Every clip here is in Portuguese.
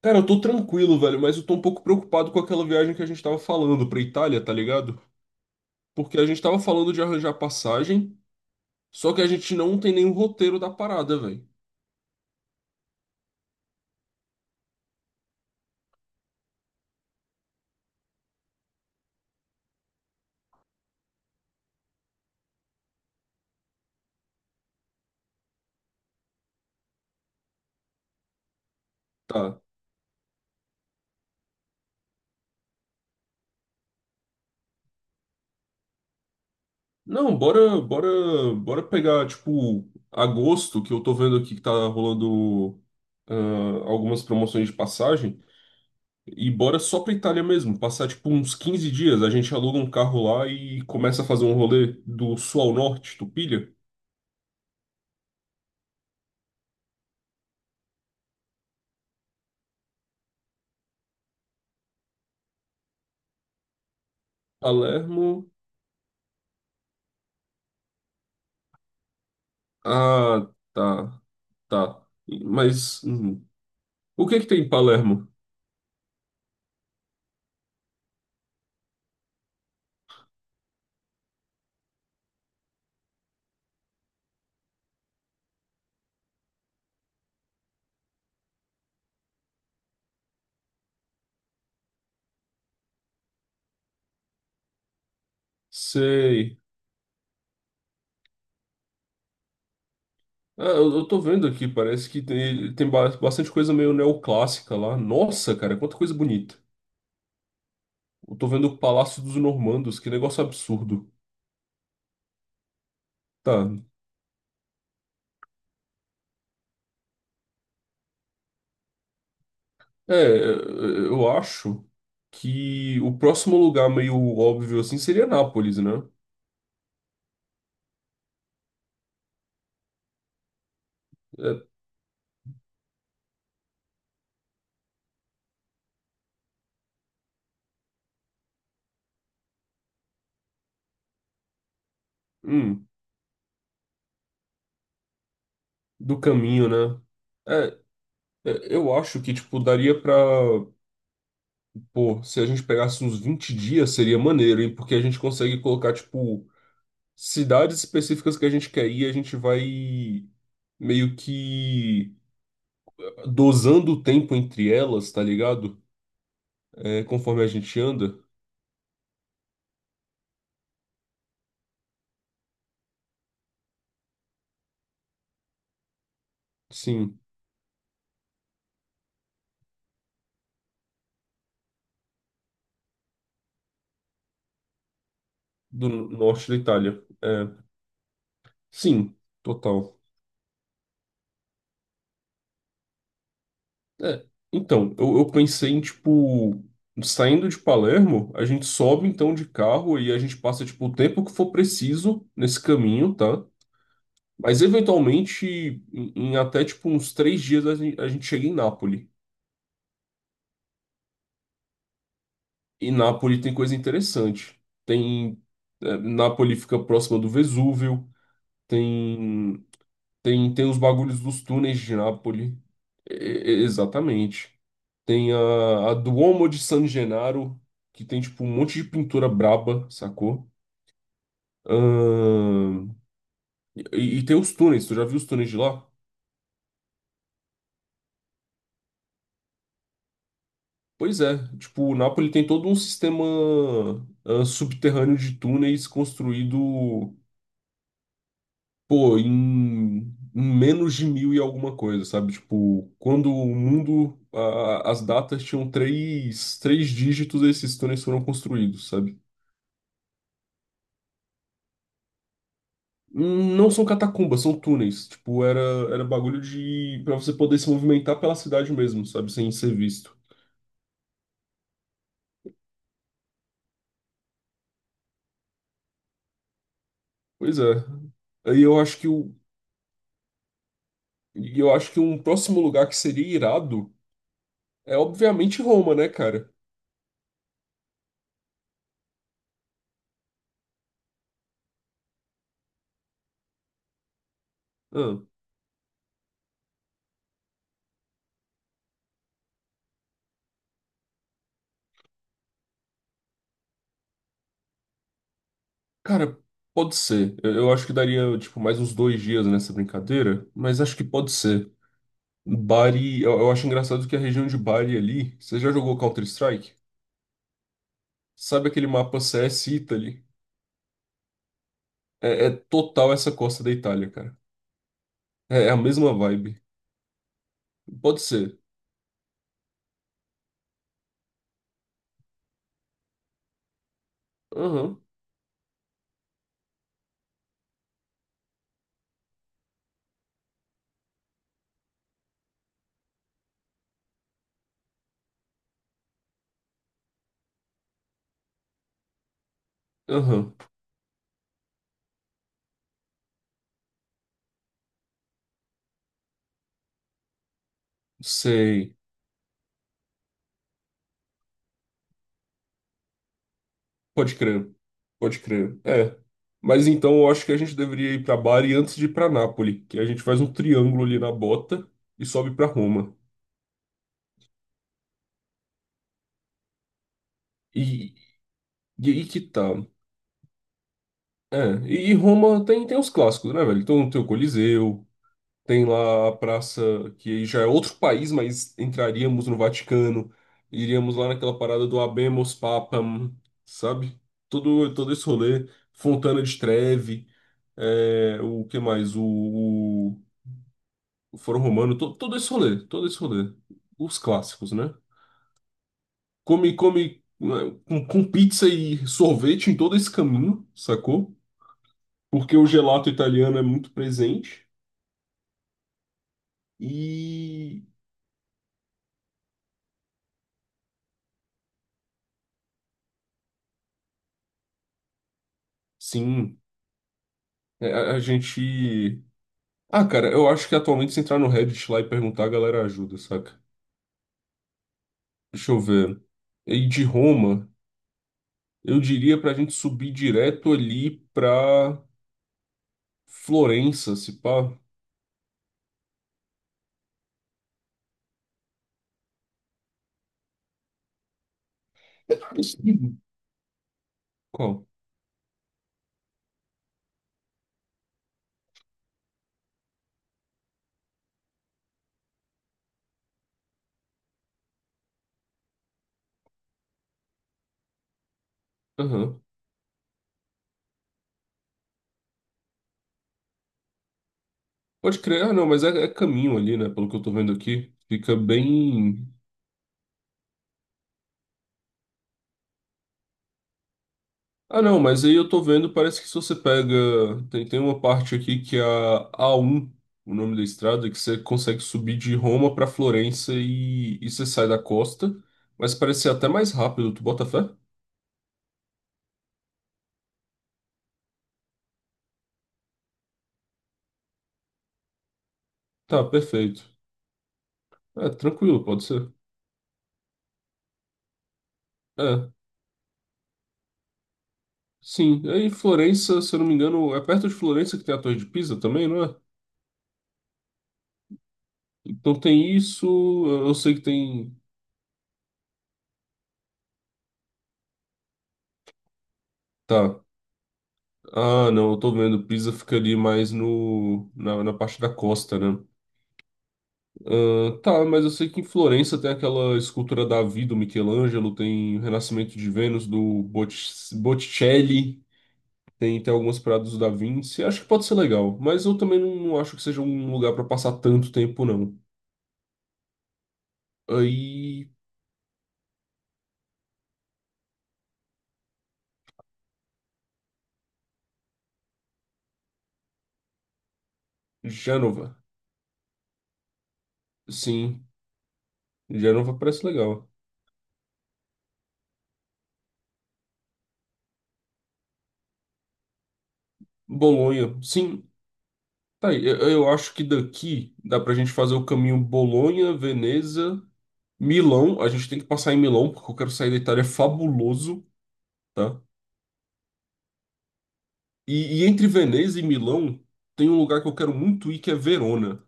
Cara, eu tô tranquilo, velho, mas eu tô um pouco preocupado com aquela viagem que a gente tava falando pra Itália, tá ligado? Porque a gente tava falando de arranjar passagem, só que a gente não tem nenhum roteiro da parada, velho. Tá. Não, bora, bora, bora pegar, tipo, agosto, que eu tô vendo aqui que tá rolando ah, algumas promoções de passagem, e bora só pra Itália mesmo, passar, tipo, uns 15 dias, a gente aluga um carro lá e começa a fazer um rolê do sul ao norte, tu pilha? Palermo. Ah, tá. Tá. Mas uhum. O que é que tem em Palermo? Sei. Ah, eu tô vendo aqui, parece que tem bastante coisa meio neoclássica lá. Nossa, cara, quanta coisa bonita. Eu tô vendo o Palácio dos Normandos, que negócio absurdo. Tá. É, eu acho que o próximo lugar meio óbvio assim seria Nápoles, né? É, hum, do caminho, né? É, é, eu acho que, tipo, daria pra. Pô, se a gente pegasse uns 20 dias, seria maneiro, hein? Porque a gente consegue colocar, tipo, cidades específicas que a gente quer ir, a gente vai meio que dosando o tempo entre elas, tá ligado? É, conforme a gente anda. Sim, do norte da Itália. É, sim, total. É, então, eu pensei em, tipo, saindo de Palermo, a gente sobe então de carro e a gente passa, tipo, o tempo que for preciso nesse caminho, tá? Mas eventualmente, em até tipo uns 3 dias, a gente chega em Nápoles. E Nápoles tem coisa interessante. Tem. É, Nápoles fica próxima do Vesúvio. Tem. Tem os bagulhos dos túneis de Nápoles. Exatamente. Tem a Duomo de San Gennaro, que tem tipo um monte de pintura braba, sacou? Ahn, e tem os túneis, tu já viu os túneis de lá? Pois é, tipo, o Napoli tem todo um sistema subterrâneo de túneis construído, pô, em menos de mil e alguma coisa, sabe? Tipo, quando o mundo, as datas tinham três dígitos, esses túneis foram construídos, sabe? Hum. Não são catacumbas, são túneis. Tipo, era bagulho de, pra você poder se movimentar pela cidade mesmo, sabe? Sem ser visto. Pois é. Aí eu acho que o, E eu acho que um próximo lugar que seria irado é obviamente Roma, né, cara? Ah, cara, pode ser. Eu acho que daria, tipo, mais uns 2 dias nessa brincadeira, mas acho que pode ser. Bari, eu acho engraçado que a região de Bari ali, você já jogou Counter-Strike? Sabe aquele mapa CS Italy? É, é total essa costa da Itália, cara. É, é a mesma vibe. Pode ser. Aham, aham. Sei. Pode crer, pode crer. É. Mas então eu acho que a gente deveria ir para Bari antes de ir para Nápoles, que a gente faz um triângulo ali na bota e sobe para Roma. E, e aí que tá. É, e Roma tem os clássicos, né, velho? Então tem o Coliseu, tem lá a praça, que aí já é outro país, mas entraríamos no Vaticano, iríamos lá naquela parada do Habemus Papam, sabe? Todo esse rolê, Fontana de Trevi, o que mais? Foro Romano, todo esse rolê, todo esse rolê. Os clássicos, né? Come, come né, com pizza e sorvete em todo esse caminho, sacou? Porque o gelato italiano é muito presente. E sim, a gente. Ah, cara, eu acho que atualmente se entrar no Reddit lá e perguntar, a galera ajuda, saca? Deixa eu ver. E de Roma, eu diria pra gente subir direto ali pra Florença, se pá. Qual? Aham. Pode crer. Ah, não, mas é caminho ali, né? Pelo que eu tô vendo aqui. Fica bem. Ah, não, mas aí eu tô vendo, parece que se você pega. Tem uma parte aqui que é a A1, o nome da estrada, que você consegue subir de Roma pra Florença e você sai da costa. Mas parece ser até mais rápido, tu bota fé? Tá, perfeito. É, tranquilo, pode ser. É, sim. Aí Florença, se eu não me engano, é perto de Florença que tem a Torre de Pisa também, não é? Então tem isso, eu sei que tem. Tá. Ah, não, eu tô vendo. Pisa ficaria mais no, na parte da costa, né? Ah, tá, mas eu sei que em Florença tem aquela escultura Davi do Michelangelo, tem o Renascimento de Vênus do Botticelli, tem algumas paradas do Da Vinci. Acho que pode ser legal, mas eu também não acho que seja um lugar pra passar tanto tempo, não. Aí, Gênova. Sim, Gênova parece legal. Bolonha, sim. Tá aí, eu acho que daqui dá pra gente fazer o caminho Bolonha, Veneza. Milão, a gente tem que passar em Milão, porque eu quero sair da Itália fabuloso, tá? E entre Veneza e Milão, tem um lugar que eu quero muito ir, que é Verona.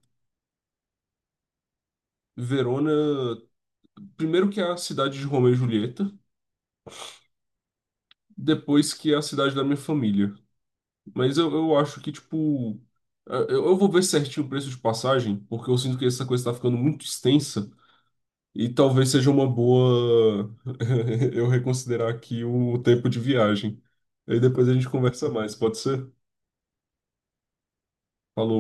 Verona, primeiro que é a cidade de Romeu e Julieta, depois que é a cidade da minha família. Mas eu acho que, tipo, eu vou ver certinho o preço de passagem, porque eu sinto que essa coisa tá ficando muito extensa, e talvez seja uma boa eu reconsiderar aqui o tempo de viagem. Aí depois a gente conversa mais, pode ser? Falou.